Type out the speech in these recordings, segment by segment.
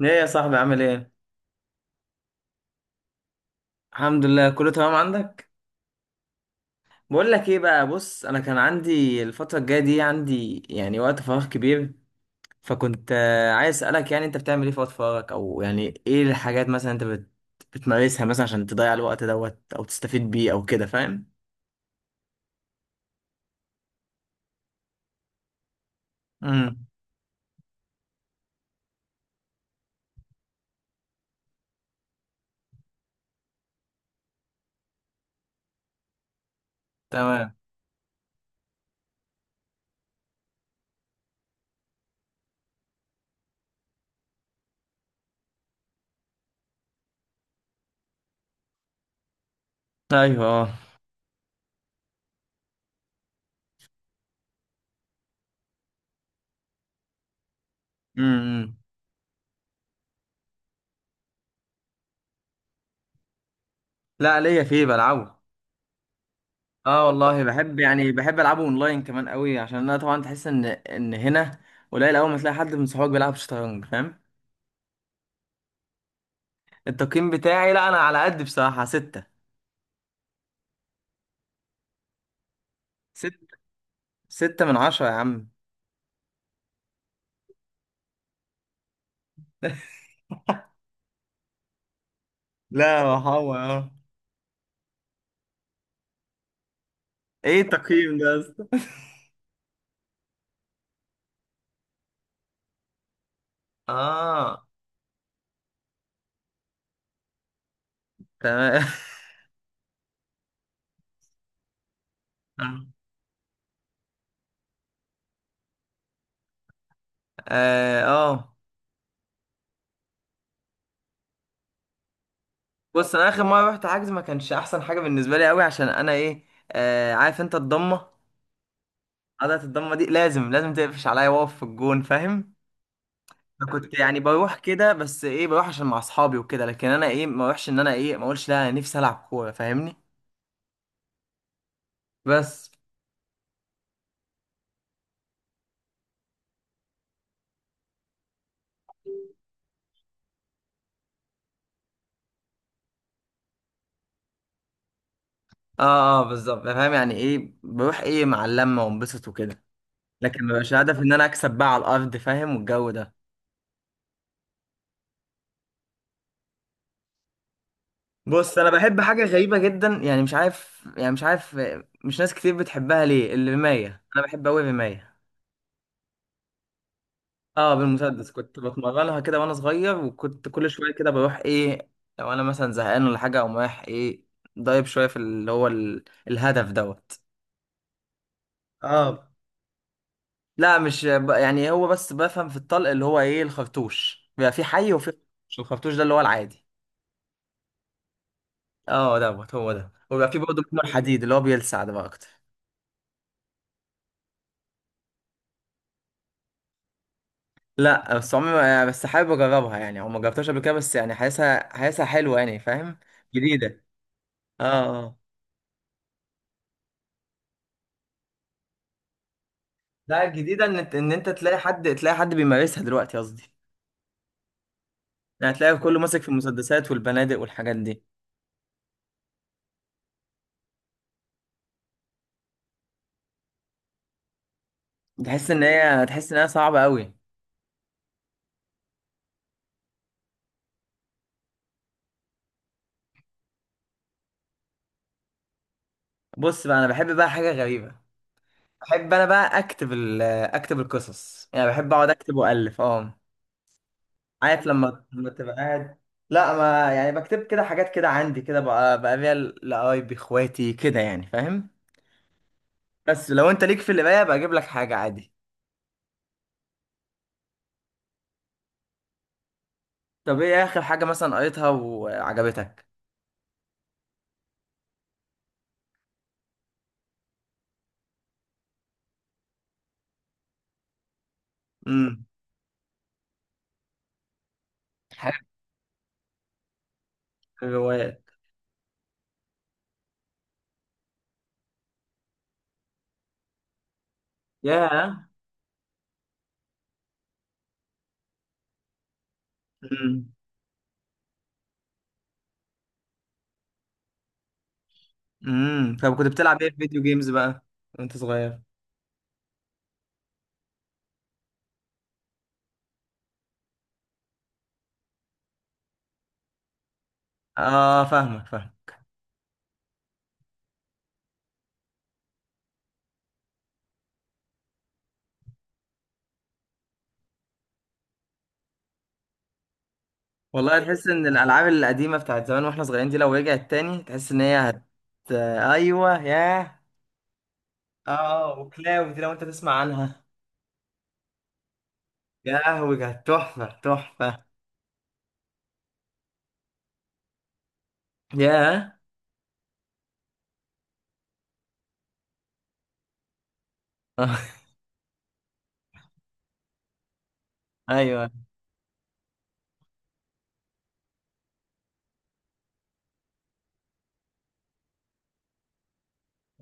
ايه يا صاحبي، عامل ايه؟ الحمد لله كله تمام عندك. بقول لك ايه بقى. بص، انا كان عندي الفتره الجايه دي عندي، يعني، وقت فراغ كبير. فكنت عايز اسالك، يعني، انت بتعمل ايه في وقت فراغك؟ او، يعني، ايه الحاجات مثلا انت بتمارسها مثلا عشان تضيع الوقت دوت، او تستفيد بيه، او كده، فاهم؟ امم تمام. ايوه، اه. امم لا، ليا فيه، بلعبه. اه والله بحب، يعني بحب العبه اونلاين كمان قوي، عشان انا طبعا تحس ان هنا قليل. اول ما تلاقي حد من صحابك بيلعب شطرنج، فاهم؟ التقييم بتاعي، لا انا على قد بصراحة ستة. ستة. 6/10 يا عم. لا يا محمد. اه. ايه التقييم ده يا اسطى؟ اه، تمام. اه، آه. بص، انا اخر مرة رحت حجز ما كانش احسن حاجة بالنسبة لي قوي، عشان انا، ايه، آه، عارف انت الضمة؟ عضلة الضمة دي، لازم تقفش عليا واقف في الجون، فاهم؟ انا كنت يعني بروح كده، بس ايه، بروح عشان مع اصحابي وكده، لكن انا، ايه، ما اروحش ان انا، ايه، ما اقولش لا، انا نفسي العب كورة، فاهمني. بس. اه اه، بالظبط، فاهم. يعني ايه، بروح، ايه، مع اللمه وانبسط وكده، لكن مبقاش هدف ان انا اكسب بقى على الارض، فاهم، والجو ده. بص، انا بحب حاجه غريبه جدا، يعني مش عارف، مش ناس كتير بتحبها، ليه؟ الرمايه. انا بحب قوي الرمايه. اه. بالمسدس، كنت بتمرنها كده وانا صغير، وكنت كل شويه كده بروح، ايه، لو انا مثلا زهقان ولا حاجه، اقوم رايح، ايه، ضايب شويه في اللي هو الهدف دوت. اه. لا، مش يعني هو بس بفهم في الطلق، اللي هو، ايه، الخرطوش بيبقى في حي، وفي خرطوش، الخرطوش ده اللي هو العادي. اه، دوت هو ده، وبيبقى في برضه منه الحديد، اللي هو بيلسع ده بقى اكتر. لا، بس عمري يعني بس حابب اجربها، يعني، او ما جربتهاش قبل كده، بس يعني حاسسها، حلوه، يعني، فاهم. جديده. اه اه. لا، الجديده ان انت تلاقي حد، بيمارسها دلوقتي، قصدي. يعني تلاقي كله ماسك في المسدسات والبنادق والحاجات دي. تحس ان هي، صعبه قوي. بص بقى، انا بحب بقى حاجه غريبه. بحب انا بقى اكتب ال اكتب القصص، يعني بحب اقعد اكتب والف. اه، عارف لما، تبقى قاعد. لا، ما يعني بكتب كده حاجات كده عندي كده، بقى بيها لقرايبي، اخواتي كده، يعني، فاهم؟ بس لو انت ليك في القرايه بقى، اجيب لك حاجه عادي. طب ايه اخر حاجه مثلا قريتها وعجبتك؟ امم حاجه. في الروايات. ياه. امم طب كنت بتلعب ايه في فيديو جيمز بقى وانت صغير؟ اه، فاهمك فاهمك. والله تحس ان الالعاب القديمه بتاعت زمان واحنا صغيرين دي، لو رجعت تاني تحس ان هي هت. ايوه، ياه. اه، وكلاو دي، لو انت تسمع عنها. يا لهوي، كانت تحفه تحفه. ياه. آه، ايوه.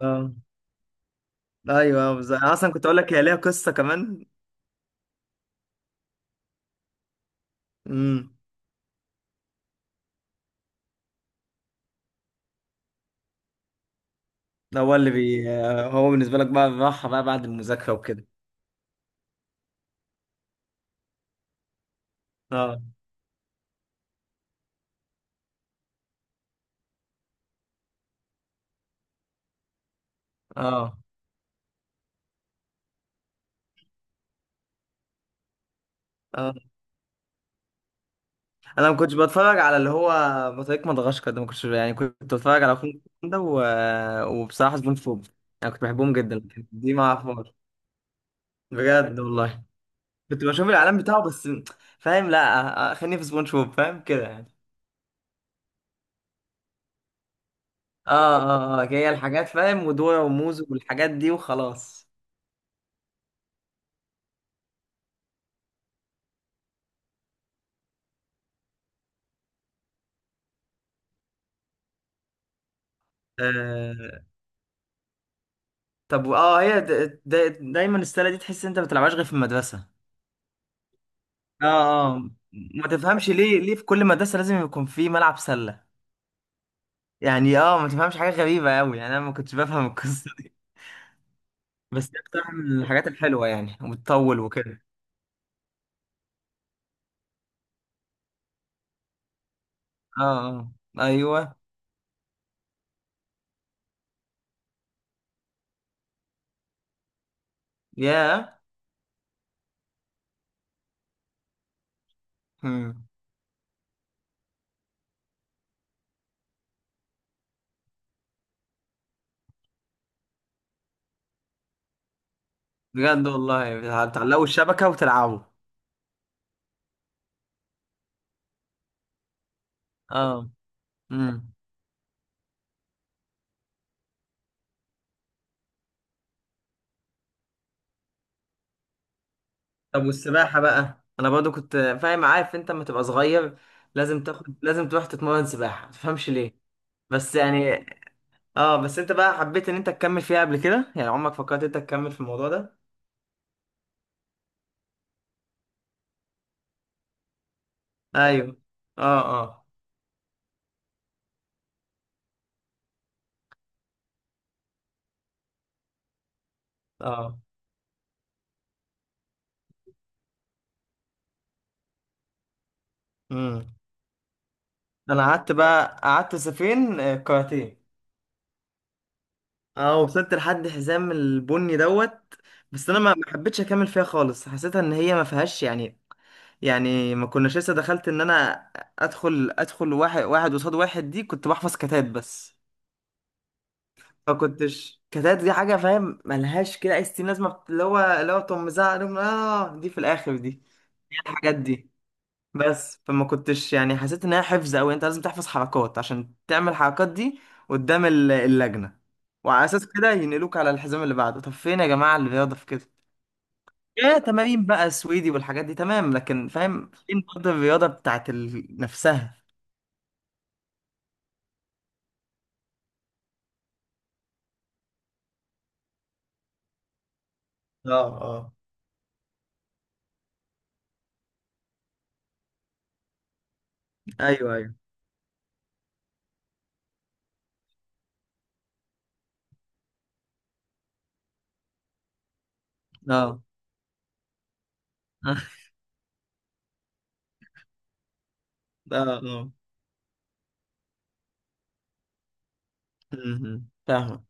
اه، ايوه، انا اصلا كنت اقول لك هي ليها قصه كمان. امم ده هو اللي بي، هو بالنسبه لك بقى الراحه بقى بعد المذاكره وكده. اه، اه، آه. انا ما كنتش بتفرج على اللي هو بطريق مدغشقر ده، ما كنتش يعني، كنت بتفرج على افلام ده وبصراحه سبونج بوب، انا كنت بحبهم جدا، لكن دي ما اعرفهاش. بجد والله. كنت بشوف الاعلان بتاعه بس، فاهم؟ لا، خليني في سبونج بوب، فاهم كده، يعني. اه اه اه، هي الحاجات، فاهم، ودورة وموز والحاجات دي وخلاص. آه. طب، اه، هي دايما السله دي تحس إن انت ما بتلعبهاش غير في المدرسه. اه اه. ما تفهمش ليه، في كل مدرسه لازم يكون في ملعب سله؟ يعني، اه، ما تفهمش، حاجة غريبة قوي، يعني انا ما كنتش بفهم القصة دي. بس دي اكتر من الحاجات الحلوة، يعني، وبتطول وكده. اه اه، ايوه، يا مم. بجد والله. بتعلقوا الشبكة وتلعبوا؟ اه. امم طب والسباحة بقى، انا برضو كنت، فاهم، عارف انت لما تبقى صغير لازم تاخد، لازم تروح تتمرن سباحة، ما تفهمش ليه. بس يعني. اه، بس انت بقى حبيت ان انت تكمل فيها قبل كده؟ يعني عمرك فكرت انت تكمل في الموضوع ده؟ ايوه. اه اه اه. مم. ده انا قعدت بقى، صيفين كاراتيه. اه، وصلت لحد حزام البني دوت. بس انا ما حبيتش اكمل فيها خالص، حسيتها ان هي ما فيهاش، يعني، يعني، ما كناش لسه دخلت ان انا ادخل، واحد واحد قصاد واحد دي، كنت بحفظ كتات بس. ما كنتش، كتات دي حاجه، فاهم، ملهاش كده اي ستين لازمه، اللي هو تقوم مزعق لهم، اه، دي في الاخر دي. الحاجات دي. بس فما كنتش يعني حسيت انها حفظ قوي، انت لازم تحفظ حركات عشان تعمل الحركات دي قدام اللجنة، وعلى اساس كده ينقلوك على الحزام اللي بعده. طب فين يا جماعة الرياضة في كده؟ ايه، تمارين بقى سويدي والحاجات دي تمام، لكن فاهم فين برضه الرياضة بتاعت نفسها. اه اه، ايوه ايوه، اه. اه اه. م- م. فاهمك.